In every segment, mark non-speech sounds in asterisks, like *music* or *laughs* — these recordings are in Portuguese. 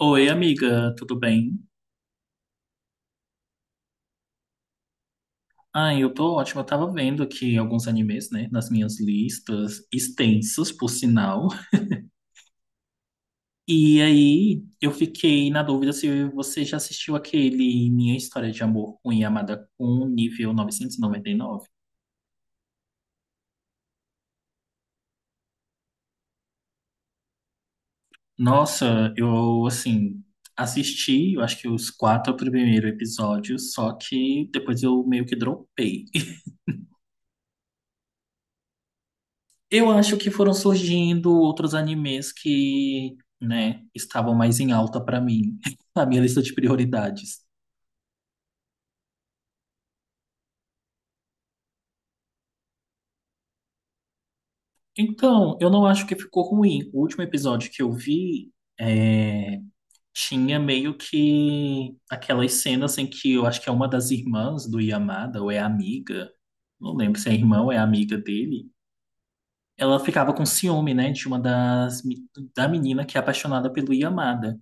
Oi, amiga, tudo bem? Ai, eu tô ótima. Eu tava vendo aqui alguns animes, né, nas minhas listas, extensas, por sinal. E aí, eu fiquei na dúvida se você já assistiu aquele Minha História de Amor com Yamada-kun, nível novecentos e noventa e nove. Nossa, eu, assim, assisti, eu acho que os quatro primeiros episódios, só que depois eu meio que dropei. Eu acho que foram surgindo outros animes que, né, estavam mais em alta pra mim, *laughs* na minha lista de prioridades. Então, eu não acho que ficou ruim. O último episódio que eu vi é, tinha meio que aquelas cenas em que eu acho que é uma das irmãs do Yamada, ou é amiga, não lembro se é irmã ou é amiga dele. Ela ficava com ciúme, né, de uma das, me- da menina que é apaixonada pelo Yamada.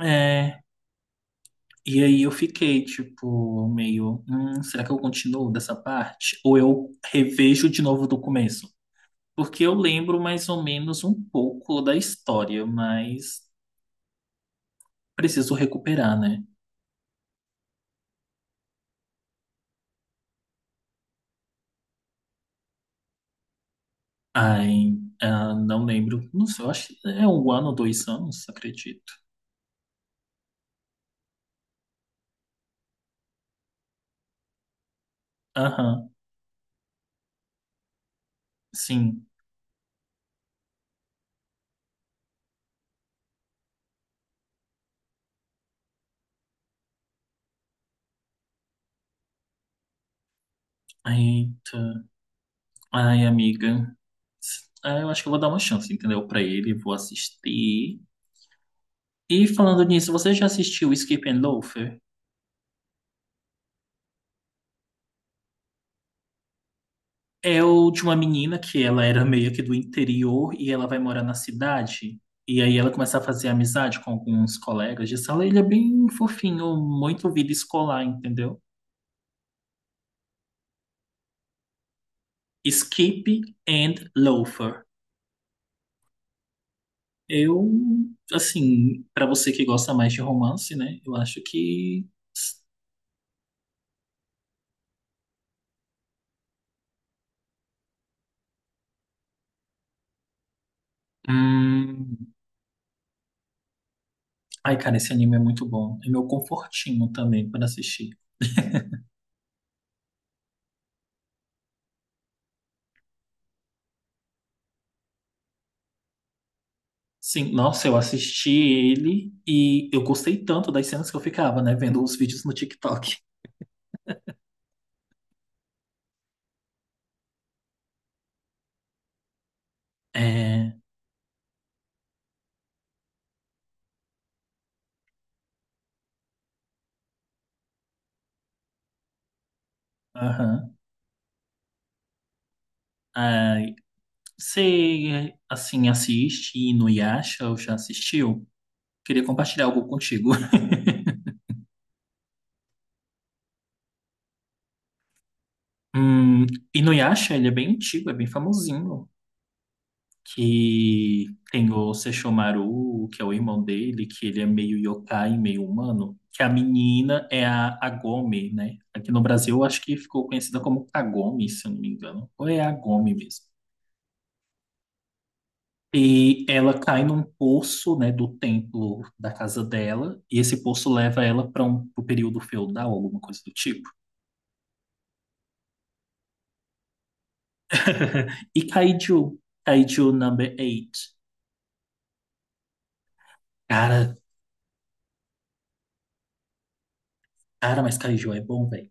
É. E aí eu fiquei, tipo, meio, será que eu continuo dessa parte? Ou eu revejo de novo do começo? Porque eu lembro mais ou menos um pouco da história, mas preciso recuperar, né?" Ai, ah, não lembro. Não sei, eu acho que é um ano, dois anos, acredito. Aham, sim. Eita. Ai, amiga. Ah, eu acho que eu vou dar uma chance, entendeu? Pra ele, vou assistir. E falando nisso, você já assistiu Skip and Loafer? É o de uma menina que ela era meio que do interior e ela vai morar na cidade. E aí ela começa a fazer amizade com alguns colegas de sala. Ele é bem fofinho, muito vida escolar, entendeu? Skip and Loafer. Eu, assim, pra você que gosta mais de romance, né? Eu acho que. Hum... Ai, cara, esse anime é muito bom. É meu confortinho também para assistir. Sim, nossa, eu assisti ele e eu gostei tanto das cenas que eu ficava, né, vendo os vídeos no TikTok. *laughs* É, aham. Ai, você, assim, assiste Inuyasha ou já assistiu? Queria compartilhar algo contigo. *laughs* Hum, Inuyasha, ele é bem antigo, é bem famosinho. Que tem o Sesshomaru, que é o irmão dele, que ele é meio yokai, meio humano, que a menina é a Agome, né? Aqui no Brasil, eu acho que ficou conhecida como Kagome, se eu não me engano. Ou é Agome mesmo. E ela cai num poço, né, do templo da casa dela, e esse poço leva ela para um pro período feudal, alguma coisa do tipo. *laughs* E Kaiju number 8. Cara, cara, mas Kaiju é bom, velho.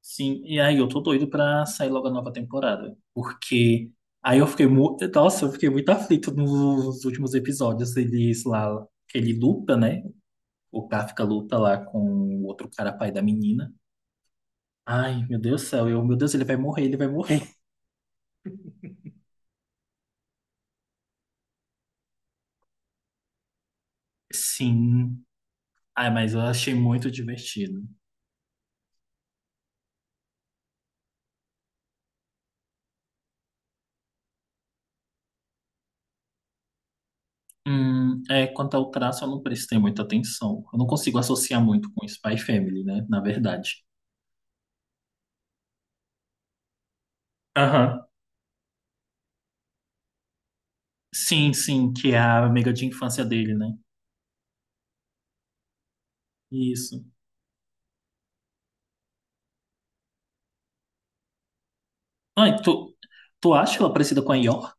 Sim, e aí eu tô doido pra sair logo a nova temporada, porque aí nossa, eu fiquei muito aflito nos últimos episódios, eles lá, que ele luta, né? O Kafka luta lá com o outro cara pai da menina. Ai, meu Deus do céu, meu Deus, ele vai morrer, ele vai morrer. Sim. Ai, mas eu achei muito divertido. Quanto ao traço, eu não prestei muita atenção. Eu não consigo associar muito com Spy Family, né? Na verdade. Aham. Sim, sim, que é a amiga de infância dele, né? Isso. Ai, tu acha ela parecida com a Yor?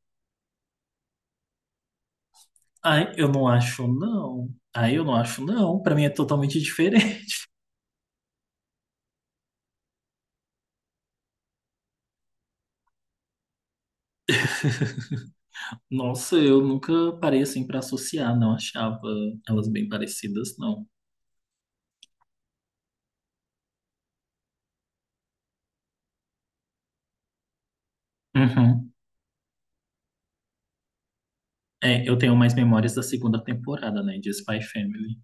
Ai, eu não acho, não. Ai, eu não acho, não. Pra mim é totalmente diferente. *laughs* Nossa, eu nunca parei assim pra associar, não achava elas bem parecidas, não. Uhum. É, eu tenho mais memórias da segunda temporada, né, de Spy Family.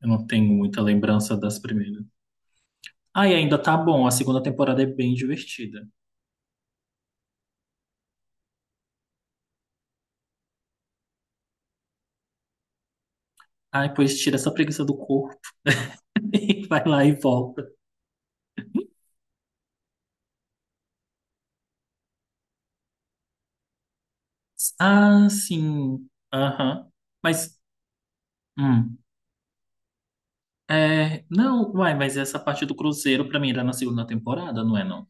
Eu não tenho muita lembrança das primeiras. Ai, ainda tá bom, a segunda temporada é bem divertida. Ai, pois tira essa preguiça do corpo *laughs* e vai lá e volta. Ah, sim. Aham. Mas. hum. É, não, vai, mas essa parte do Cruzeiro pra mim era na segunda temporada, não é não?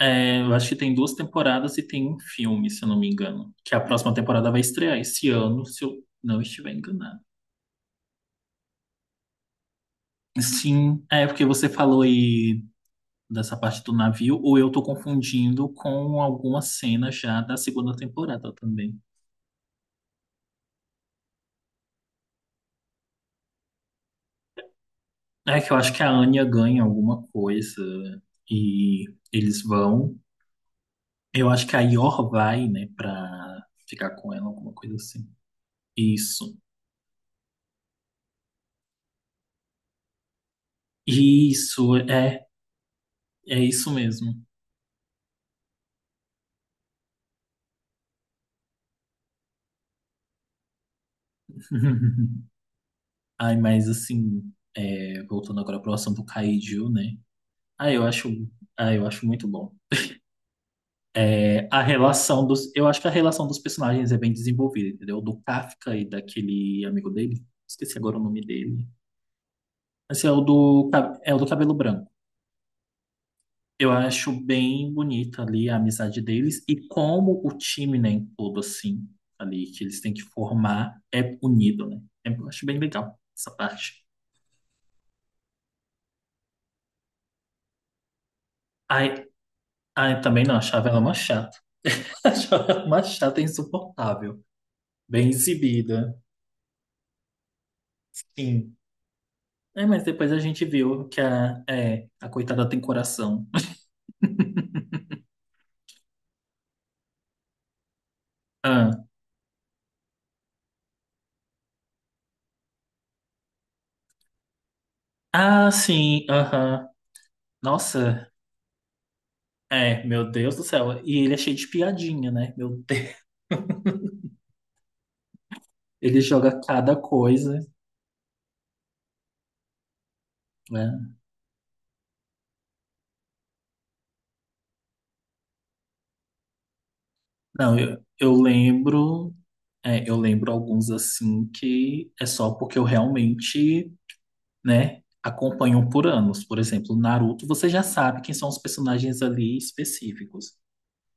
É, eu acho que tem duas temporadas e tem um filme, se eu não me engano, que a próxima temporada vai estrear esse ano, se eu não estiver enganado. Sim, é porque você falou aí dessa parte do navio, ou eu tô confundindo com alguma cena já da segunda temporada também. É que eu acho que a Anya ganha alguma coisa e eles vão. Eu acho que a Yor vai, né, pra ficar com ela, alguma coisa assim. Isso. Isso, é isso mesmo. *laughs* Ai, mas assim, voltando agora pro assunto Kaiju, né? Ah, eu acho muito bom. É, eu acho que a relação dos personagens é bem desenvolvida, entendeu? Do Kafka e daquele amigo dele, esqueci agora o nome dele. Esse é o do cabelo branco. Eu acho bem bonita ali a amizade deles e como o time, né, em todo assim, ali que eles têm que formar é unido, né? É, eu acho bem legal essa parte. Ai, ai, também não, achava ela uma chata. *laughs* Achava ela uma chata insuportável. Bem exibida. Sim. É, mas depois a gente viu que a coitada tem coração. Ah, ah, sim, aham. Nossa, meu Deus do céu. E ele é cheio de piadinha, né? Meu Deus. Ele joga cada coisa. Né? Não, eu lembro alguns assim que é só porque eu realmente, né, acompanho por anos. Por exemplo, Naruto, você já sabe quem são os personagens ali específicos.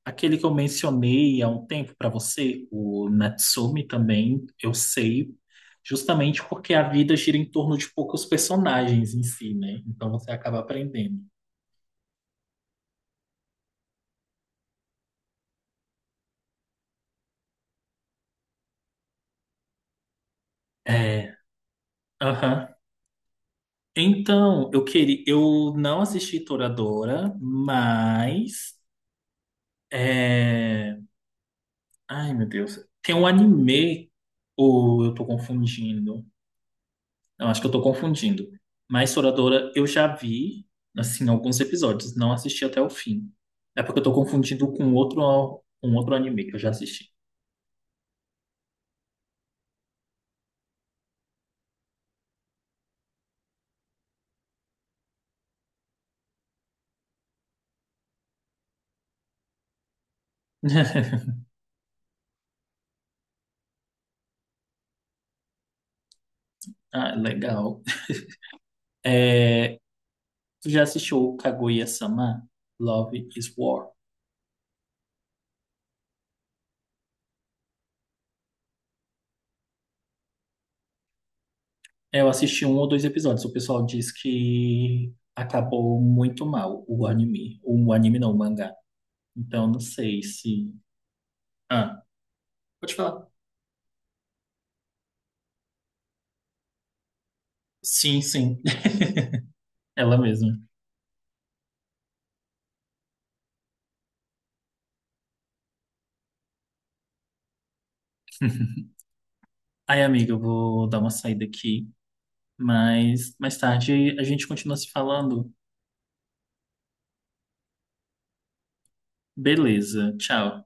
Aquele que eu mencionei há um tempo pra você, o Natsumi também, eu sei, justamente porque a vida gira em torno de poucos personagens em si, né? Então você acaba aprendendo. É, aham. Então, eu não assisti Toradora, mas é... ai meu Deus, tem um anime ou eu tô confundindo? Eu acho que eu tô confundindo. Mas Toradora eu já vi, assim, alguns episódios, não assisti até o fim. É porque eu tô confundindo um outro anime que eu já assisti. *laughs* Ah, legal. É... Tu já assistiu Kaguya-sama? Love is War? Eu assisti um ou dois episódios. O pessoal diz que acabou muito mal o anime. O anime não, o mangá. Então não sei se. Ah, pode falar. Sim, sim. *laughs* Ela mesma. Ai, amiga, eu vou dar uma saída aqui. Mas mais tarde a gente continua se falando. Beleza. Tchau.